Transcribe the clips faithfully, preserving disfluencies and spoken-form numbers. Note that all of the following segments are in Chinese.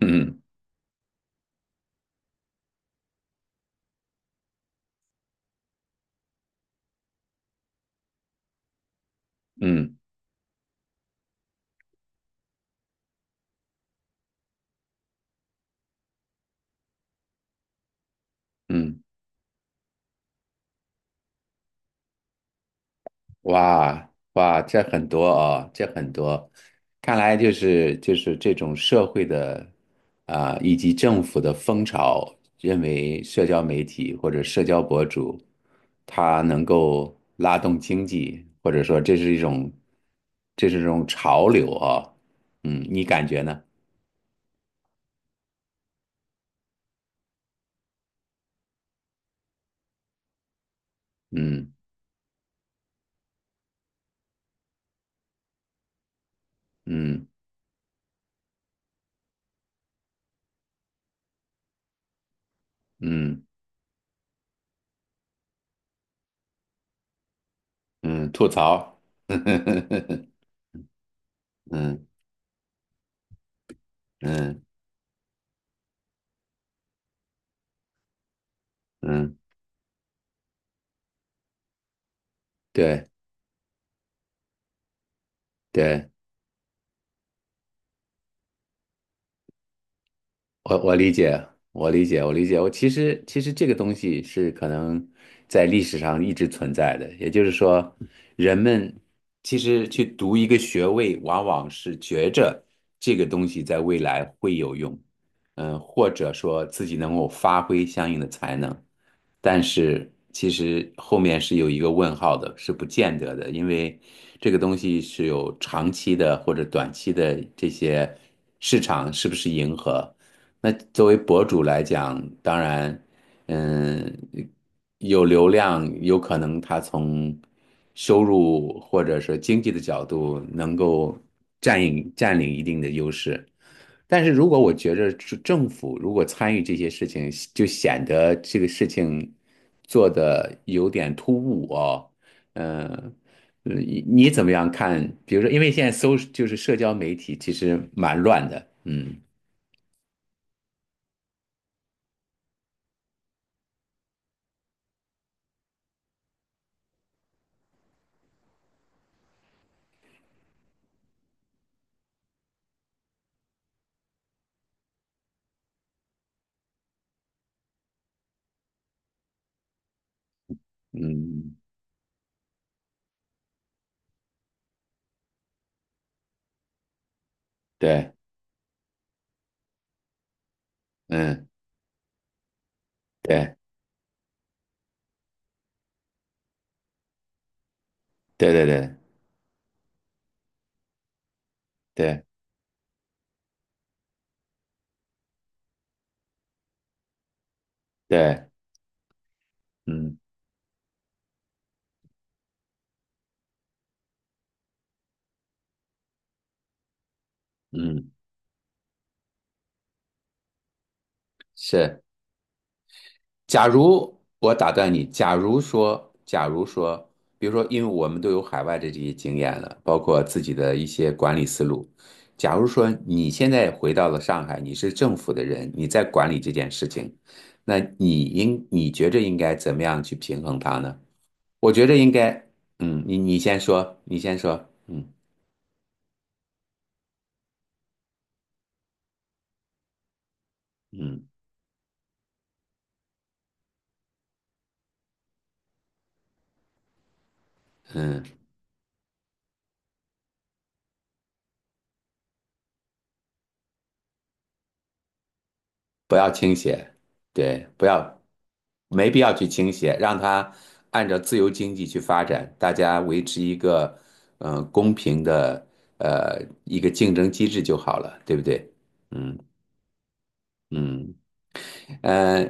嗯嗯嗯，哇哇，这很多哦，这很多，看来就是就是这种社会的啊、以及政府的风潮，认为社交媒体或者社交博主，他能够拉动经济，或者说这是一种这是一种潮流啊、嗯，你感觉呢？嗯嗯嗯嗯，吐槽，嗯嗯嗯，对对。我我理解，我理解，我理解。我其实其实这个东西是可能在历史上一直存在的，也就是说，人们其实去读一个学位，往往是觉着这个东西在未来会有用，嗯、或者说自己能够发挥相应的才能，但是其实后面是有一个问号的，是不见得的，因为这个东西是有长期的或者短期的这些市场是不是迎合。那作为博主来讲，当然，嗯，有流量，有可能他从收入或者说经济的角度能够占领占领一定的优势。但是如果我觉着是政府如果参与这些事情，就显得这个事情做的有点突兀哦。呃嗯，呃你你怎么样看？比如说，因为现在搜就是社交媒体其实蛮乱的，嗯嗯。对，嗯，对，对对对对对，嗯嗯，是。假如我打断你，假如说，假如说，比如说，因为我们都有海外的这些经验了，包括自己的一些管理思路。假如说你现在回到了上海，你是政府的人，你在管理这件事情，那你应你觉着应该怎么样去平衡它呢？我觉着应该，嗯，你你先说，你先说，嗯嗯嗯。不要倾斜，对，不要，没必要去倾斜，让它按照自由经济去发展，大家维持一个嗯、呃公平的呃一个竞争机制就好了，对不对？嗯嗯，呃，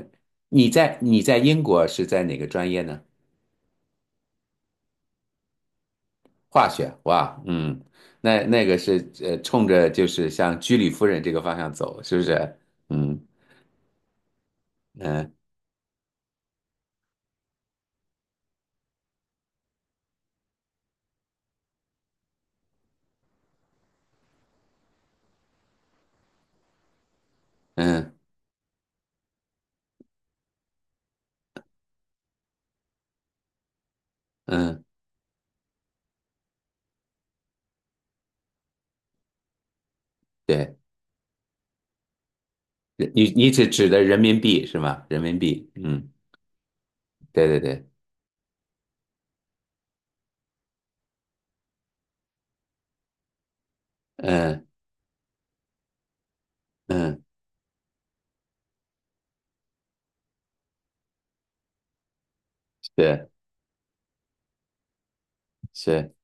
你在你在英国是在哪个专业呢？化学，哇，嗯，那那个是呃冲着就是像居里夫人这个方向走，是不是？嗯嗯嗯嗯，对。你你指指的人民币是吗？人民币，嗯，对对对，嗯嗯，是是，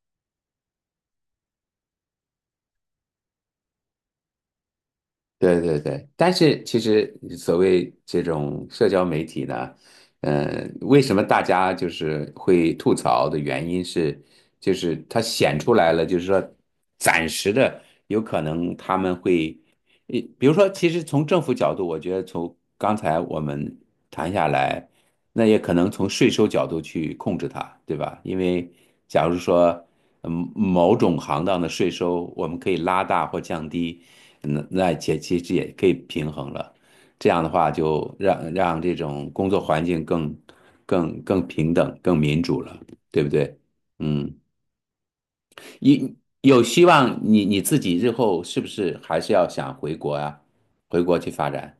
对对对。但是其实所谓这种社交媒体呢，嗯，为什么大家就是会吐槽的原因是，就是它显出来了，就是说暂时的有可能他们会，呃比如说，其实从政府角度，我觉得从刚才我们谈下来。那也可能从税收角度去控制它，对吧？因为假如说，嗯，某种行当的税收我们可以拉大或降低，那那也其实也可以平衡了。这样的话，就让让这种工作环境更更更平等、更民主了，对不对？嗯，你有希望你你自己日后是不是还是要想回国啊？回国去发展？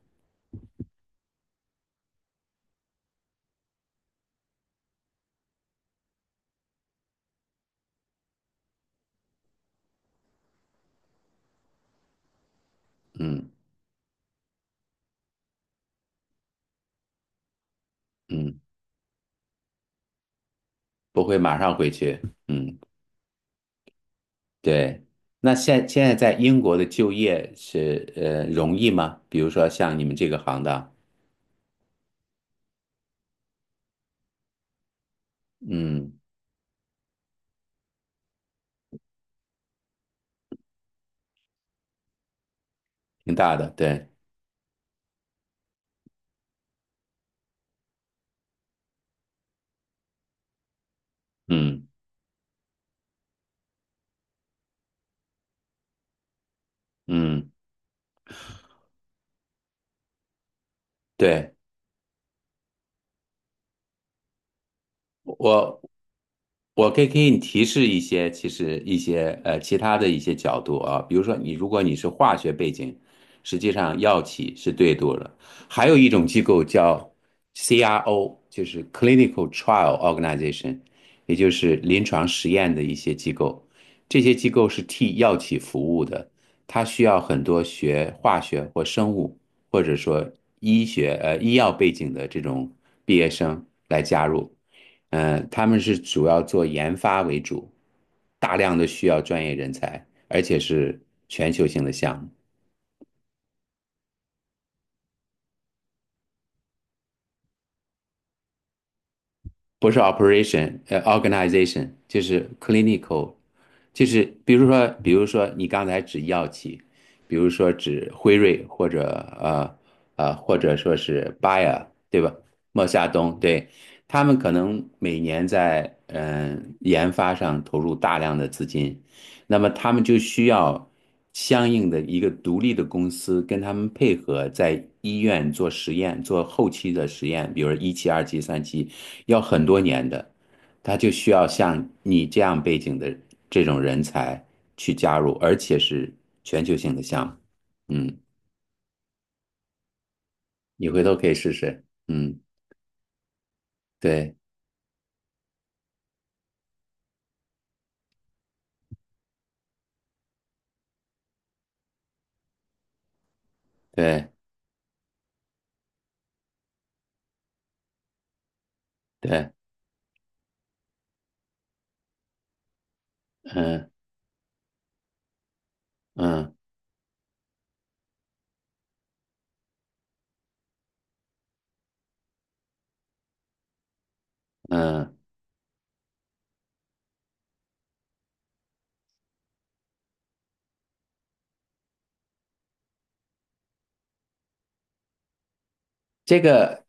嗯嗯，不会马上回去。嗯。对，那现现在在英国的就业是呃容易吗？比如说像你们这个行当，嗯，挺大的，对，嗯嗯，对，我我可以给你提示一些，其实一些呃其他的一些角度啊，比如说你如果你是化学背景，实际上药企是对多了。还有一种机构叫 C R O，就是 Clinical Trial Organization，也就是临床实验的一些机构。这些机构是替药企服务的，它需要很多学化学或生物。或者说医学呃医药背景的这种毕业生来加入。嗯、呃他们是主要做研发为主，大量的需要专业人才，而且是全球性的项目。不是 operation，呃，organization 就是 clinical，就是比如说，比如说你刚才指药企，比如说指辉瑞或者呃呃或者说是 Bayer，对吧？莫夏东，对，他们可能每年在嗯、呃研发上投入大量的资金，那么他们就需要相应的一个独立的公司跟他们配合，在医院做实验，做后期的实验，比如一期、二期、三期，要很多年的，他就需要像你这样背景的这种人才去加入，而且是全球性的项目。嗯，你回头可以试试。嗯，对对对，嗯嗯嗯。嗯这个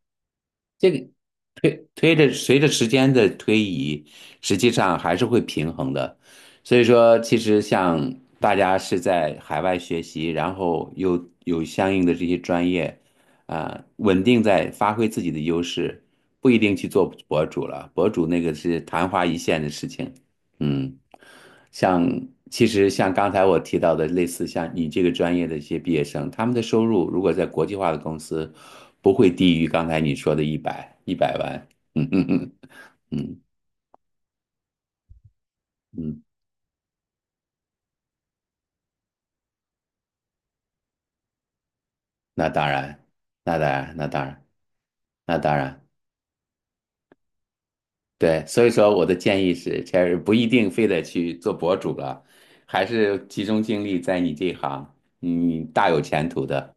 这个推推着随着时间的推移，实际上还是会平衡的。所以说，其实像大家是在海外学习，然后又有相应的这些专业，啊、稳定在发挥自己的优势，不一定去做博主了。博主那个是昙花一现的事情，嗯，像其实像刚才我提到的，类似像你这个专业的一些毕业生，他们的收入如果在国际化的公司，不会低于刚才你说的一百一百万。嗯嗯嗯嗯嗯，那当然，那当然，那当然，那当然，对。所以说，我的建议是，Cherry 不一定非得去做博主了，还是集中精力在你这一行，你大有前途的。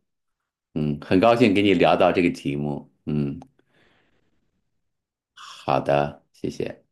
嗯，很高兴跟你聊到这个题目。嗯。好的，谢谢。